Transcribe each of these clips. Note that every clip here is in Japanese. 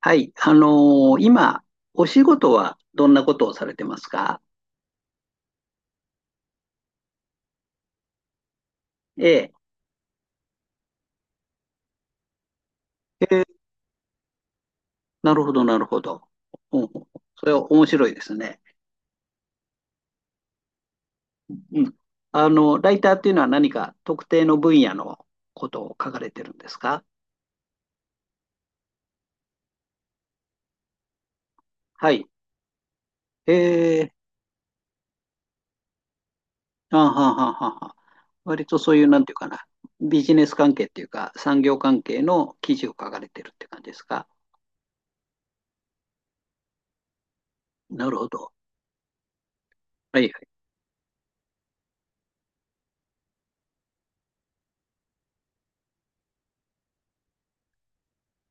はい。今、お仕事はどんなことをされてますか？ええ。ええ。なるほど、なるほど。ほうほう。それは面白いですね。うん。ライターっていうのは何か特定の分野のことを書かれてるんですか？はい。ええ、あはははは。割とそういう、なんていうかな、ビジネス関係っていうか、産業関係の記事を書かれてるって感じですか？なるほど。はいはい。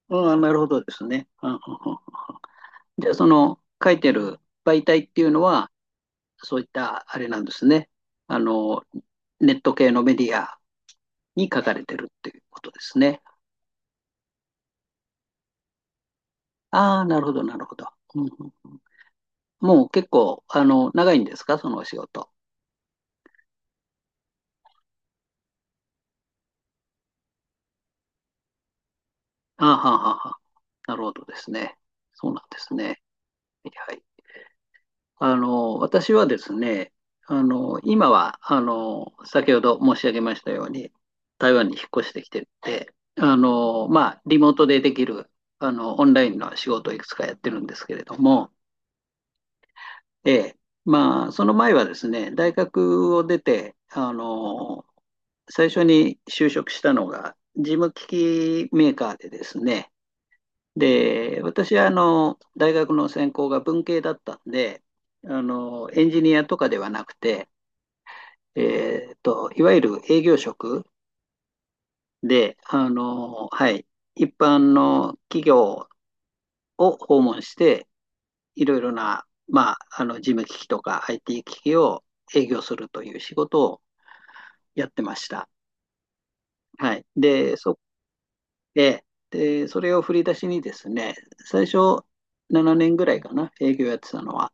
うん、なるほどですね。うんうんうん。じゃあ、その書いてる媒体っていうのは、そういったあれなんですね。あの、ネット系のメディアに書かれてるっていうことですね。ああ、なるほど、なるほど。うんうんうん。もう結構、長いんですか、そのお仕事。ああ、はあはあはあ。なるほどですね。そうなんですね。はいはい。私はですね、今は、先ほど申し上げましたように、台湾に引っ越してきてて、まあ、リモートでできる、オンラインの仕事をいくつかやってるんですけれども、ええ、まあ、その前はですね、大学を出て、最初に就職したのが、事務機器メーカーでですね、で、私は大学の専攻が文系だったんで、エンジニアとかではなくて、いわゆる営業職で、はい、一般の企業を訪問して、いろいろな、まあ、事務機器とか IT 機器を営業するという仕事をやってました。はい。で、で、それを振り出しにですね、最初7年ぐらいかな、営業やってたのは。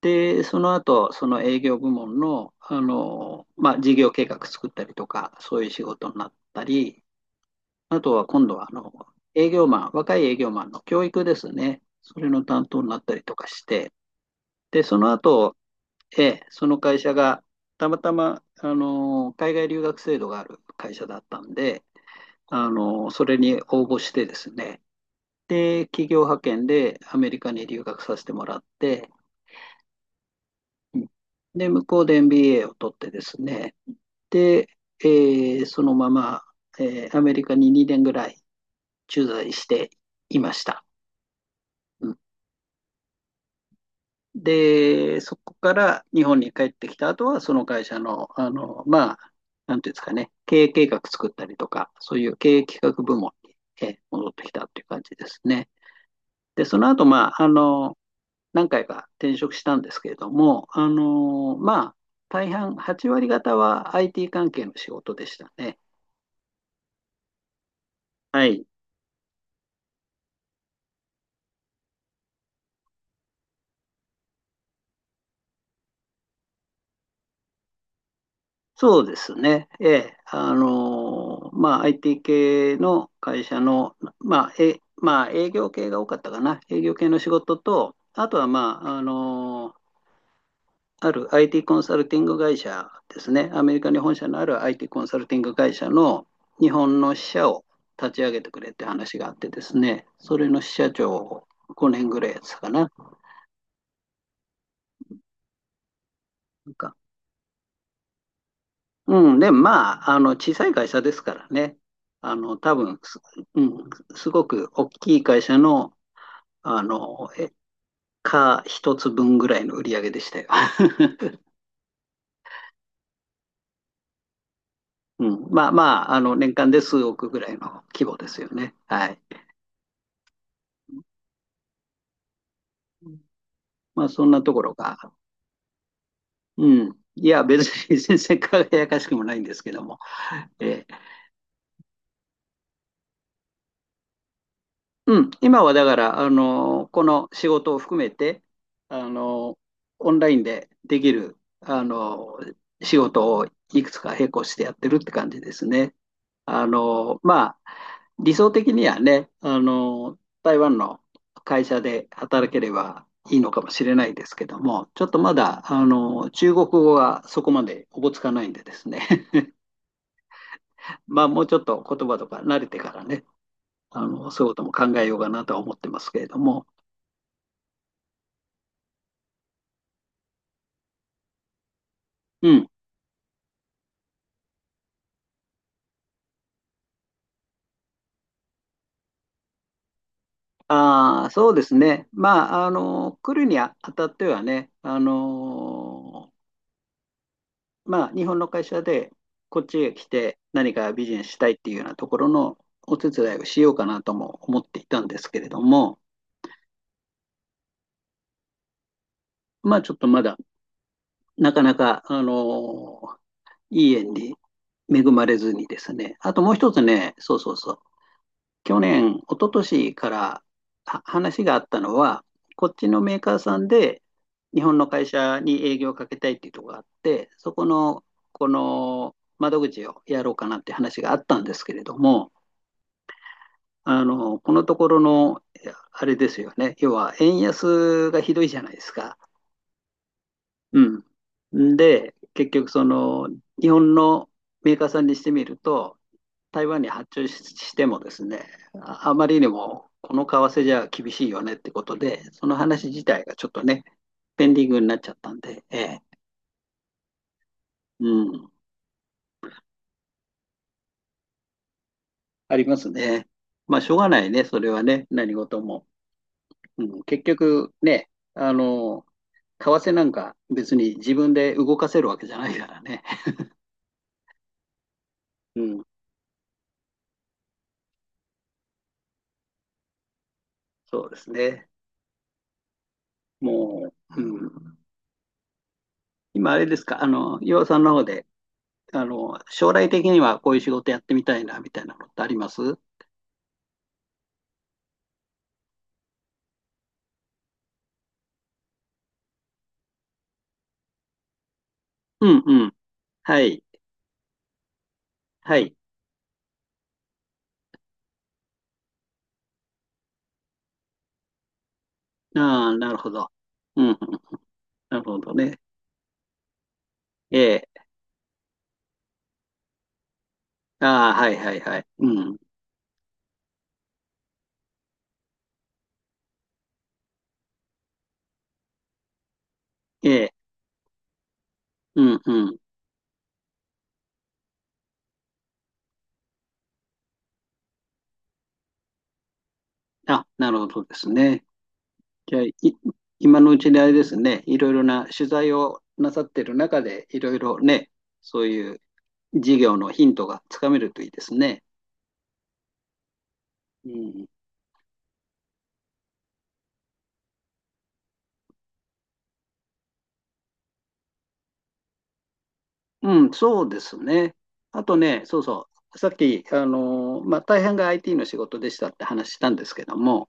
で、その後、その営業部門の、まあ、事業計画作ったりとか、そういう仕事になったり、あとは今度は、営業マン、若い営業マンの教育ですね。それの担当になったりとかして、で、その後、ええ、その会社が、たまたま、海外留学制度がある会社だったんで、それに応募してですね、で、企業派遣でアメリカに留学させてもらって、うん。で、向こうで NBA を取ってですね、で、えそのまま、アメリカに2年ぐらい駐在していました。うん。で、そこから日本に帰ってきた後は、その会社の、まあ、なんていうんですかね、経営計画作ったりとか、そういう経営企画部門に、戻ってきたという感じですね。で、その後、まあ、何回か転職したんですけれども、まあ、大半、8割方は IT 関係の仕事でしたね。はい。そうですね。ええ。まあ、IT 系の会社の、まあ、まあ、営業系が多かったかな。営業系の仕事と、あとは、まあ、ある IT コンサルティング会社ですね。アメリカに本社のある IT コンサルティング会社の日本の支社を立ち上げてくれって話があってですね。それの支社長を5年ぐらいやってたかな。なんか、うん。でまあ、小さい会社ですからね。多分、うん、すごく大きい会社の、あの、え、か一つ分ぐらいの売り上げでしたよ。うん、まあまあ、年間で数億ぐらいの規模ですよね。はい。まあ、そんなところが。うん。いや、別に 全然輝かしくもないんですけども、ええ。うん、今はだから、この仕事を含めて、あの、オンラインでできる、仕事をいくつか並行してやってるって感じですね。まあ、理想的にはね、台湾の会社で働ければいいのかもしれないですけども、ちょっとまだ、中国語がそこまでおぼつかないんでですね、まあ、もうちょっと言葉とか慣れてからね、そういうことも考えようかなとは思ってますけれども、うん。ああ、そうですね。まあ、来るにあたってはね、まあ、日本の会社でこっちへ来て何かビジネスしたいっていうようなところのお手伝いをしようかなとも思っていたんですけれども、まあ、ちょっとまだなかなか、いい縁に恵まれずにですね。あともう一つね、そうそうそう、去年、一昨年からは話があったのは、こっちのメーカーさんで日本の会社に営業をかけたいっていうところがあって、そこの、この窓口をやろうかなって話があったんですけれども、このところの、あれですよね。要は、円安がひどいじゃないですか。うん。で、結局、日本のメーカーさんにしてみると、台湾に発注ししてもですね、ああまりにもこの為替じゃ厳しいよねってことで、その話自体がちょっとね、ペンディングになっちゃったんで、ええ、うん、ありますね。まあ、しょうがないね、それはね、何事も。うん、結局ね、為替なんか別に自分で動かせるわけじゃないからね。うん、そうですね。もう、うん、今あれですか、岩尾さんの方で、将来的にはこういう仕事やってみたいな、みたいなのってあります？うんうん。はい。はい。ああ、なるほど。うん。なるほどね。ええ。ああ、はいはいはい。うん。ええ。うんうん。あ、なるほどですね。じゃあ、今のうちにあれですね。いろいろな取材をなさってる中で、いろいろね、そういう事業のヒントがつかめるといいですね。うん。うん、そうですね。あとね、そうそう。さっき、まあ、大半が IT の仕事でしたって話したんですけども、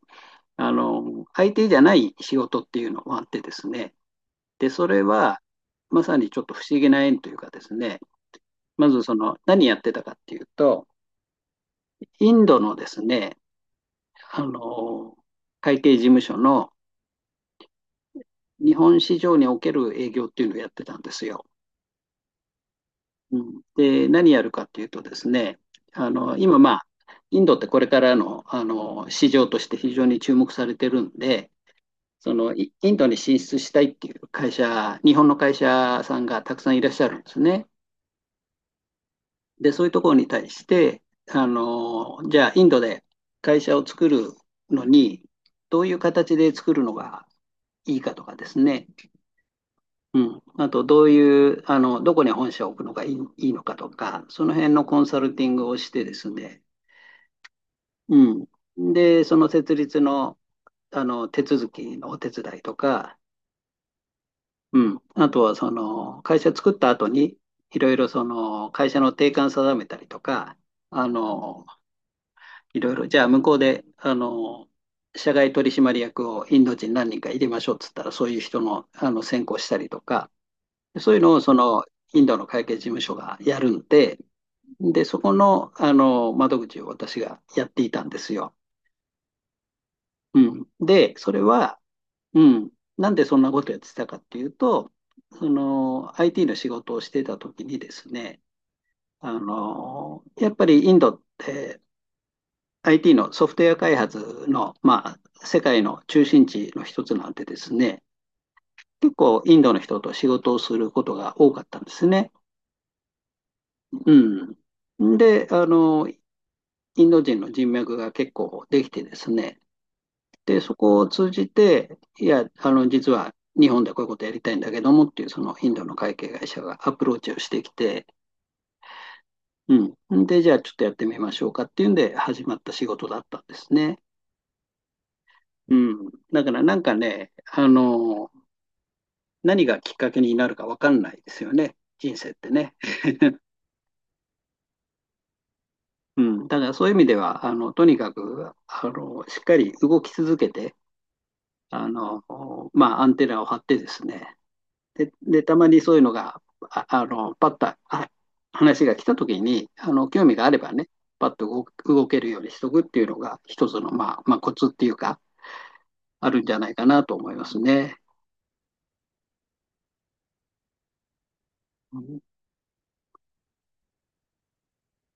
相手じゃない仕事っていうのもあってですね、で、それは、まさにちょっと不思議な縁というかですね、まずその、何やってたかっていうと、インドのですね、あの、会計事務所の日本市場における営業っていうのをやってたんですよ。うん、で、何やるかっていうとですね、今まあ、インドってこれからの、市場として非常に注目されてるんで、そのインドに進出したいっていう会社、日本の会社さんがたくさんいらっしゃるんですね。で、そういうところに対して、じゃあインドで会社を作るのに、どういう形で作るのがいいかとかですね、うん、あとどういう、あの、どこに本社を置くのがいいいいのかとか、その辺のコンサルティングをしてですね、うん。で、その設立の、手続きのお手伝いとか、うん。あとは、その、会社作った後に、いろいろその、会社の定款定めたりとか、あの、いろいろ、じゃあ向こうで、社外取締役をインド人何人か入れましょうっつったら、そういう人の、選考したりとか、そういうのを、その、インドの会計事務所がやるんで、で、そこの、窓口を私がやっていたんですよ。うん。で、それは、うん。なんでそんなことやってたかっていうと、その IT の仕事をしてた時にですね、やっぱりインドって IT のソフトウェア開発の、まあ、世界の中心地の一つなんでですね、結構インドの人と仕事をすることが多かったんですね。うん。で、インド人の人脈が結構できてですね、で、そこを通じて、いや、実は日本でこういうことやりたいんだけどもっていう、そのインドの会計会社がアプローチをしてきて、うん。で、じゃあちょっとやってみましょうかっていうんで始まった仕事だったんですね。うん。だからなんかね、何がきっかけになるかわかんないですよね。人生ってね。うん。だからそういう意味では、とにかく、しっかり動き続けて、あの、まあ、アンテナを張ってですね、で、たまにそういうのが、パッと話が来た時に、興味があればね、パッと動動けるようにしとくっていうのが、一つの、まあ、まあ、コツっていうか、あるんじゃないかなと思いますね。